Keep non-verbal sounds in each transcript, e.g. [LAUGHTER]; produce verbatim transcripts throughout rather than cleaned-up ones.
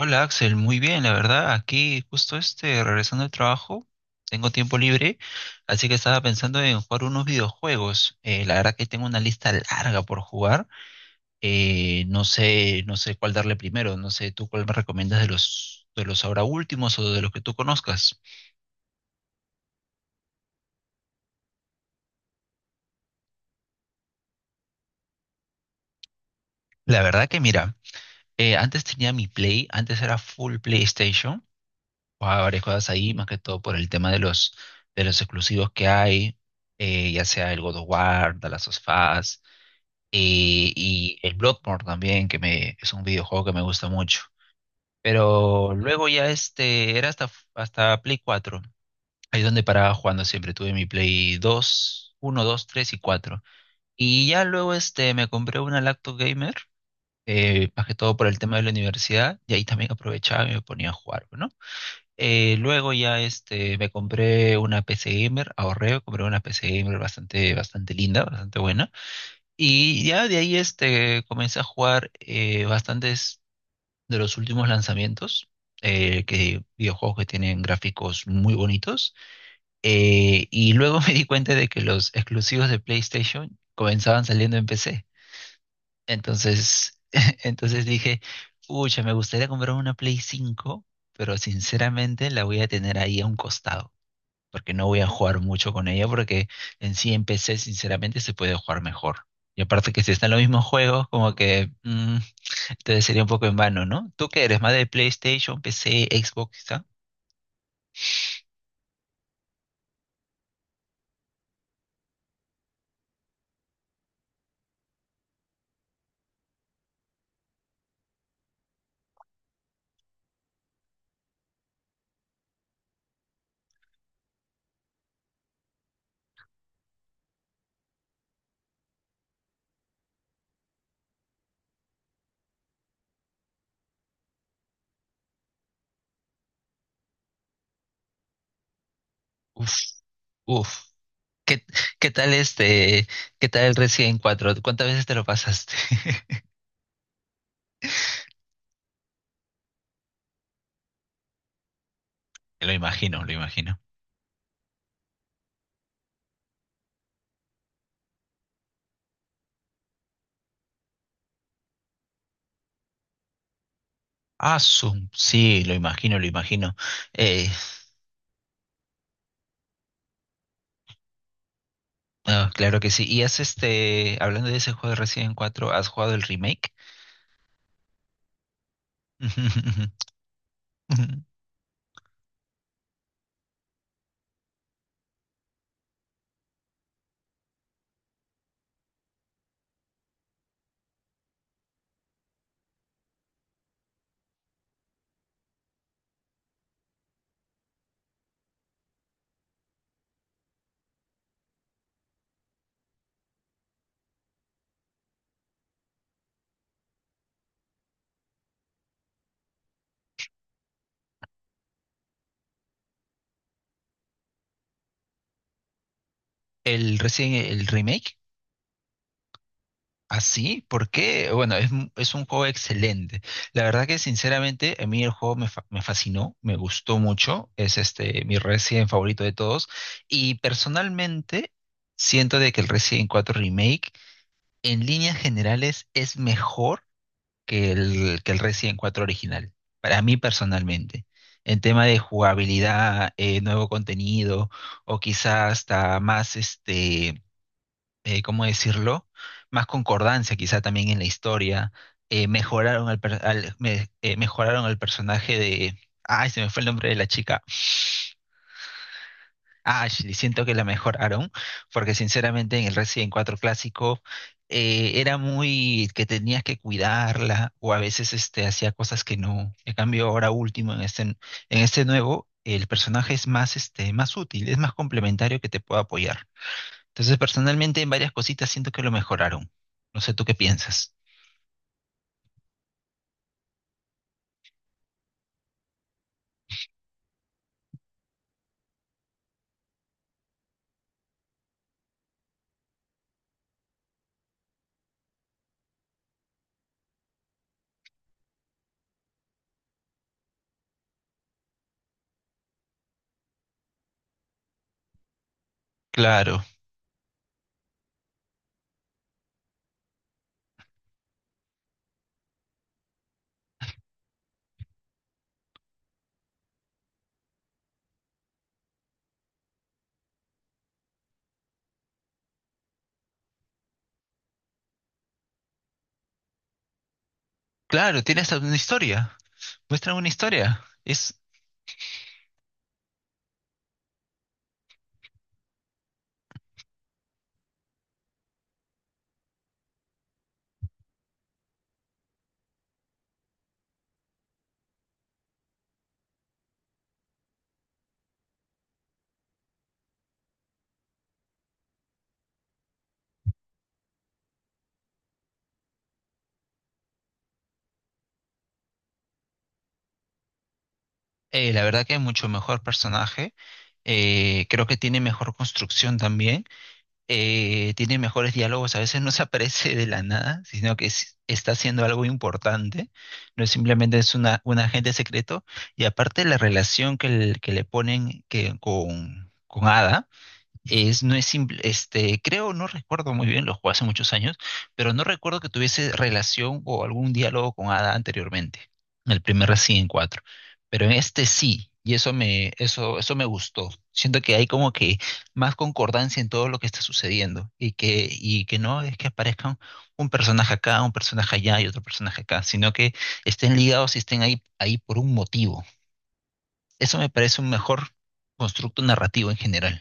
Hola Axel, muy bien, la verdad, aquí justo este, regresando del trabajo, tengo tiempo libre, así que estaba pensando en jugar unos videojuegos. Eh, la verdad que tengo una lista larga por jugar. Eh, no sé, no sé cuál darle primero, no sé tú cuál me recomiendas de los de los ahora últimos o de los que tú conozcas. La verdad que mira, eh, antes tenía mi Play, antes era full PlayStation, jugaba varias cosas ahí, más que todo por el tema de los de los exclusivos que hay, eh, ya sea el God of War, The Last of Us y, y el Bloodborne también, que me, es un videojuego que me gusta mucho. Pero luego ya este, era hasta, hasta Play cuatro, ahí es donde paraba jugando siempre. Tuve mi Play dos, uno, dos, tres y cuatro. Y ya luego este, me compré una laptop gamer, eh, más que todo por el tema de la universidad, y ahí también aprovechaba y me ponía a jugar, ¿no? Eh, luego ya este, me compré una P C gamer, ahorré, compré una P C gamer bastante, bastante linda, bastante buena. Y ya de ahí este, comencé a jugar eh, bastantes de los últimos lanzamientos, eh, que, videojuegos que tienen gráficos muy bonitos. Eh, y luego [LAUGHS] me di cuenta de que los exclusivos de PlayStation comenzaban saliendo en P C. Entonces, [LAUGHS] entonces dije, pucha, me gustaría comprar una Play cinco, pero sinceramente la voy a tener ahí a un costado, porque no voy a jugar mucho con ella, porque en sí en P C sinceramente se puede jugar mejor. Y aparte que si están los mismos juegos, como que mm, entonces sería un poco en vano, ¿no? ¿Tú qué eres? ¿Más de PlayStation, P C, Xbox, quizá? Uf, uf. ¿Qué, qué tal este, qué tal el Resident cuatro? ¿Cuántas veces te lo pasaste? [LAUGHS] Lo imagino, lo imagino. Ah, su- sí, lo imagino, lo imagino. Eh, ah, claro que sí. Y has este, hablando de ese juego de Resident cuatro, ¿has jugado el remake? [LAUGHS] El recién el remake, así, por qué bueno, es, un- es un juego excelente. La verdad que sinceramente a mí el juego me, fa- me fascinó, me gustó mucho, es este mi Resident favorito de todos y personalmente siento de que el Resident cuatro Remake en líneas generales es mejor que el que el Resident cuatro original, para mí personalmente. En tema de jugabilidad, eh, nuevo contenido o quizás hasta más este eh, ¿cómo decirlo? Más concordancia quizá también en la historia. Eh, mejoraron al, per- al- me- eh, mejoraron al personaje de... Ay, se me fue el nombre de la chica. Ashley, siento que la mejoraron, porque sinceramente en el Resident cuatro clásico eh, era muy que tenías que cuidarla o a veces este, hacía cosas que no. En cambio, ahora último, en este, en este nuevo, el personaje es más, este, más útil, es más complementario que te puede apoyar. Entonces, personalmente, en varias cositas siento que lo mejoraron. No sé tú qué piensas. Claro, claro, tiene hasta una historia. Muestra una historia. Es, eh, la verdad que es mucho mejor personaje. Eh, creo que tiene mejor construcción también. Eh, tiene mejores diálogos. A veces no se aparece de la nada, sino que es- está haciendo algo importante. No es simplemente es una, un agente secreto. Y aparte la relación que, el- que le ponen que, con, con Ada. Es, no es simple, este, creo, no recuerdo muy bien, lo jugué hace muchos años, pero no recuerdo que tuviese relación o algún diálogo con Ada anteriormente, en el primer Resident cuatro. Pero en este sí, y eso me, eso, eso me gustó. Siento que hay como que más concordancia en todo lo que está sucediendo y que, y que no es que aparezcan un personaje acá, un personaje allá y otro personaje acá, sino que estén ligados y estén ahí, ahí por un motivo. Eso me parece un mejor constructo narrativo en general.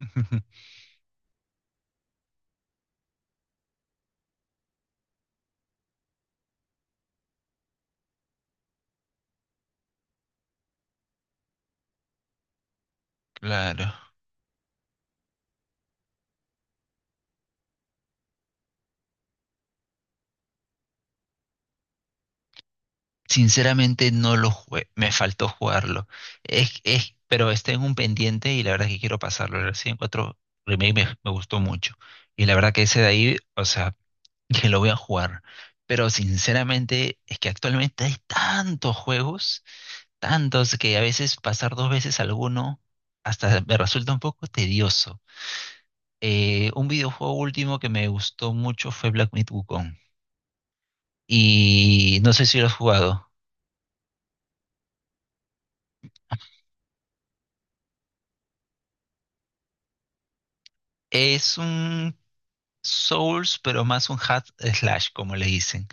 [LAUGHS] Claro. Sinceramente no lo jugué, me faltó jugarlo. Es, es, pero está en un pendiente y la verdad es que quiero pasarlo. El Resident Cuatro Remake me, me gustó mucho. Y la verdad que ese de ahí, o sea, [LAUGHS] que lo voy a jugar. Pero sinceramente es que actualmente hay tantos juegos, tantos que a veces pasar dos veces alguno hasta me resulta un poco tedioso. Eh, un videojuego último que me gustó mucho fue Black Myth Wukong. Y no sé si lo has jugado. Es un Souls, pero más un hack slash, como le dicen,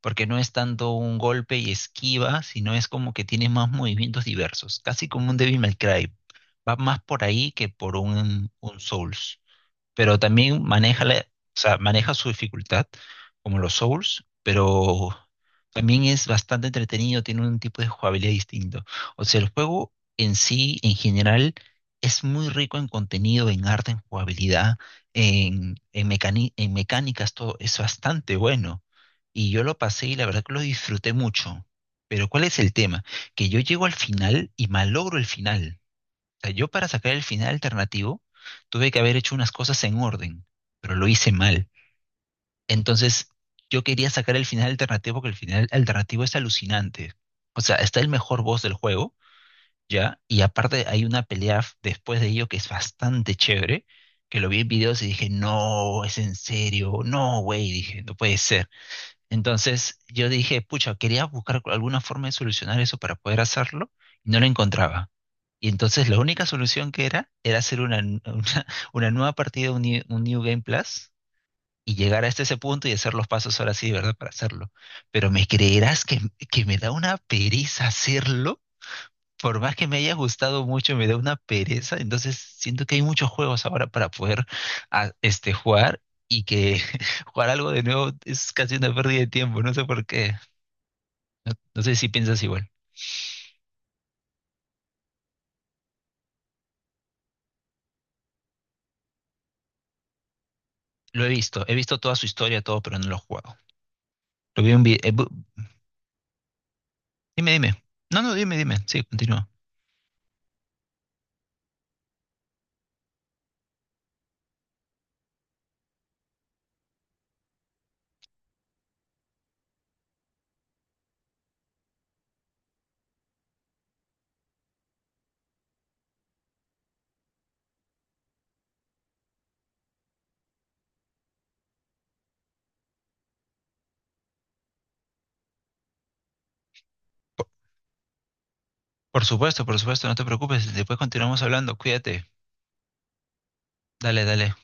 porque no es tanto un golpe y esquiva, sino es como que tiene más movimientos diversos, casi como un Devil May Cry. Va más por ahí que por un, un Souls, pero también maneja, la- o sea, maneja su dificultad, como los Souls, pero también es bastante entretenido, tiene un tipo de jugabilidad distinto. O sea, el juego en sí, en general, es muy rico en contenido, en arte, en jugabilidad, en, en, mecani- en mecánicas, todo es bastante bueno. Y yo lo pasé y la verdad que lo disfruté mucho. Pero ¿cuál es el tema? Que yo llego al final y malogro el final, sea, yo para sacar el final alternativo tuve que haber hecho unas cosas en orden, pero lo hice mal. Entonces, yo quería sacar el final alternativo porque el final alternativo es alucinante. O sea, está el mejor boss del juego, ¿ya? Y aparte hay una pelea f- después de ello que es bastante chévere, que lo vi en videos y dije, no, es en serio, no, güey, dije, no puede ser. Entonces, yo dije, pucha, quería buscar alguna forma de solucionar eso para poder hacerlo y no lo encontraba. Y entonces la única solución que era era hacer una, n- [LAUGHS] una, una nueva partida, un New, un New Game Plus, y llegar hasta ese punto y hacer los pasos ahora sí, de verdad, para hacerlo. Pero me creerás que, que me da una pereza hacerlo, por más que me haya gustado mucho, me da una pereza. Entonces siento que hay muchos juegos ahora para poder a- este, jugar y que [LAUGHS] jugar algo de nuevo es casi una pérdida de tiempo, no sé por qué. No, no sé si piensas igual. Lo he visto, he visto toda su historia, todo, pero no lo he jugado. Lo vi en video. Dime, dime. No, no, dime, dime. Sí, continúa. Por, por supuesto, por supuesto, no te preocupes. Después continuamos hablando. Cuídate. Dale, dale.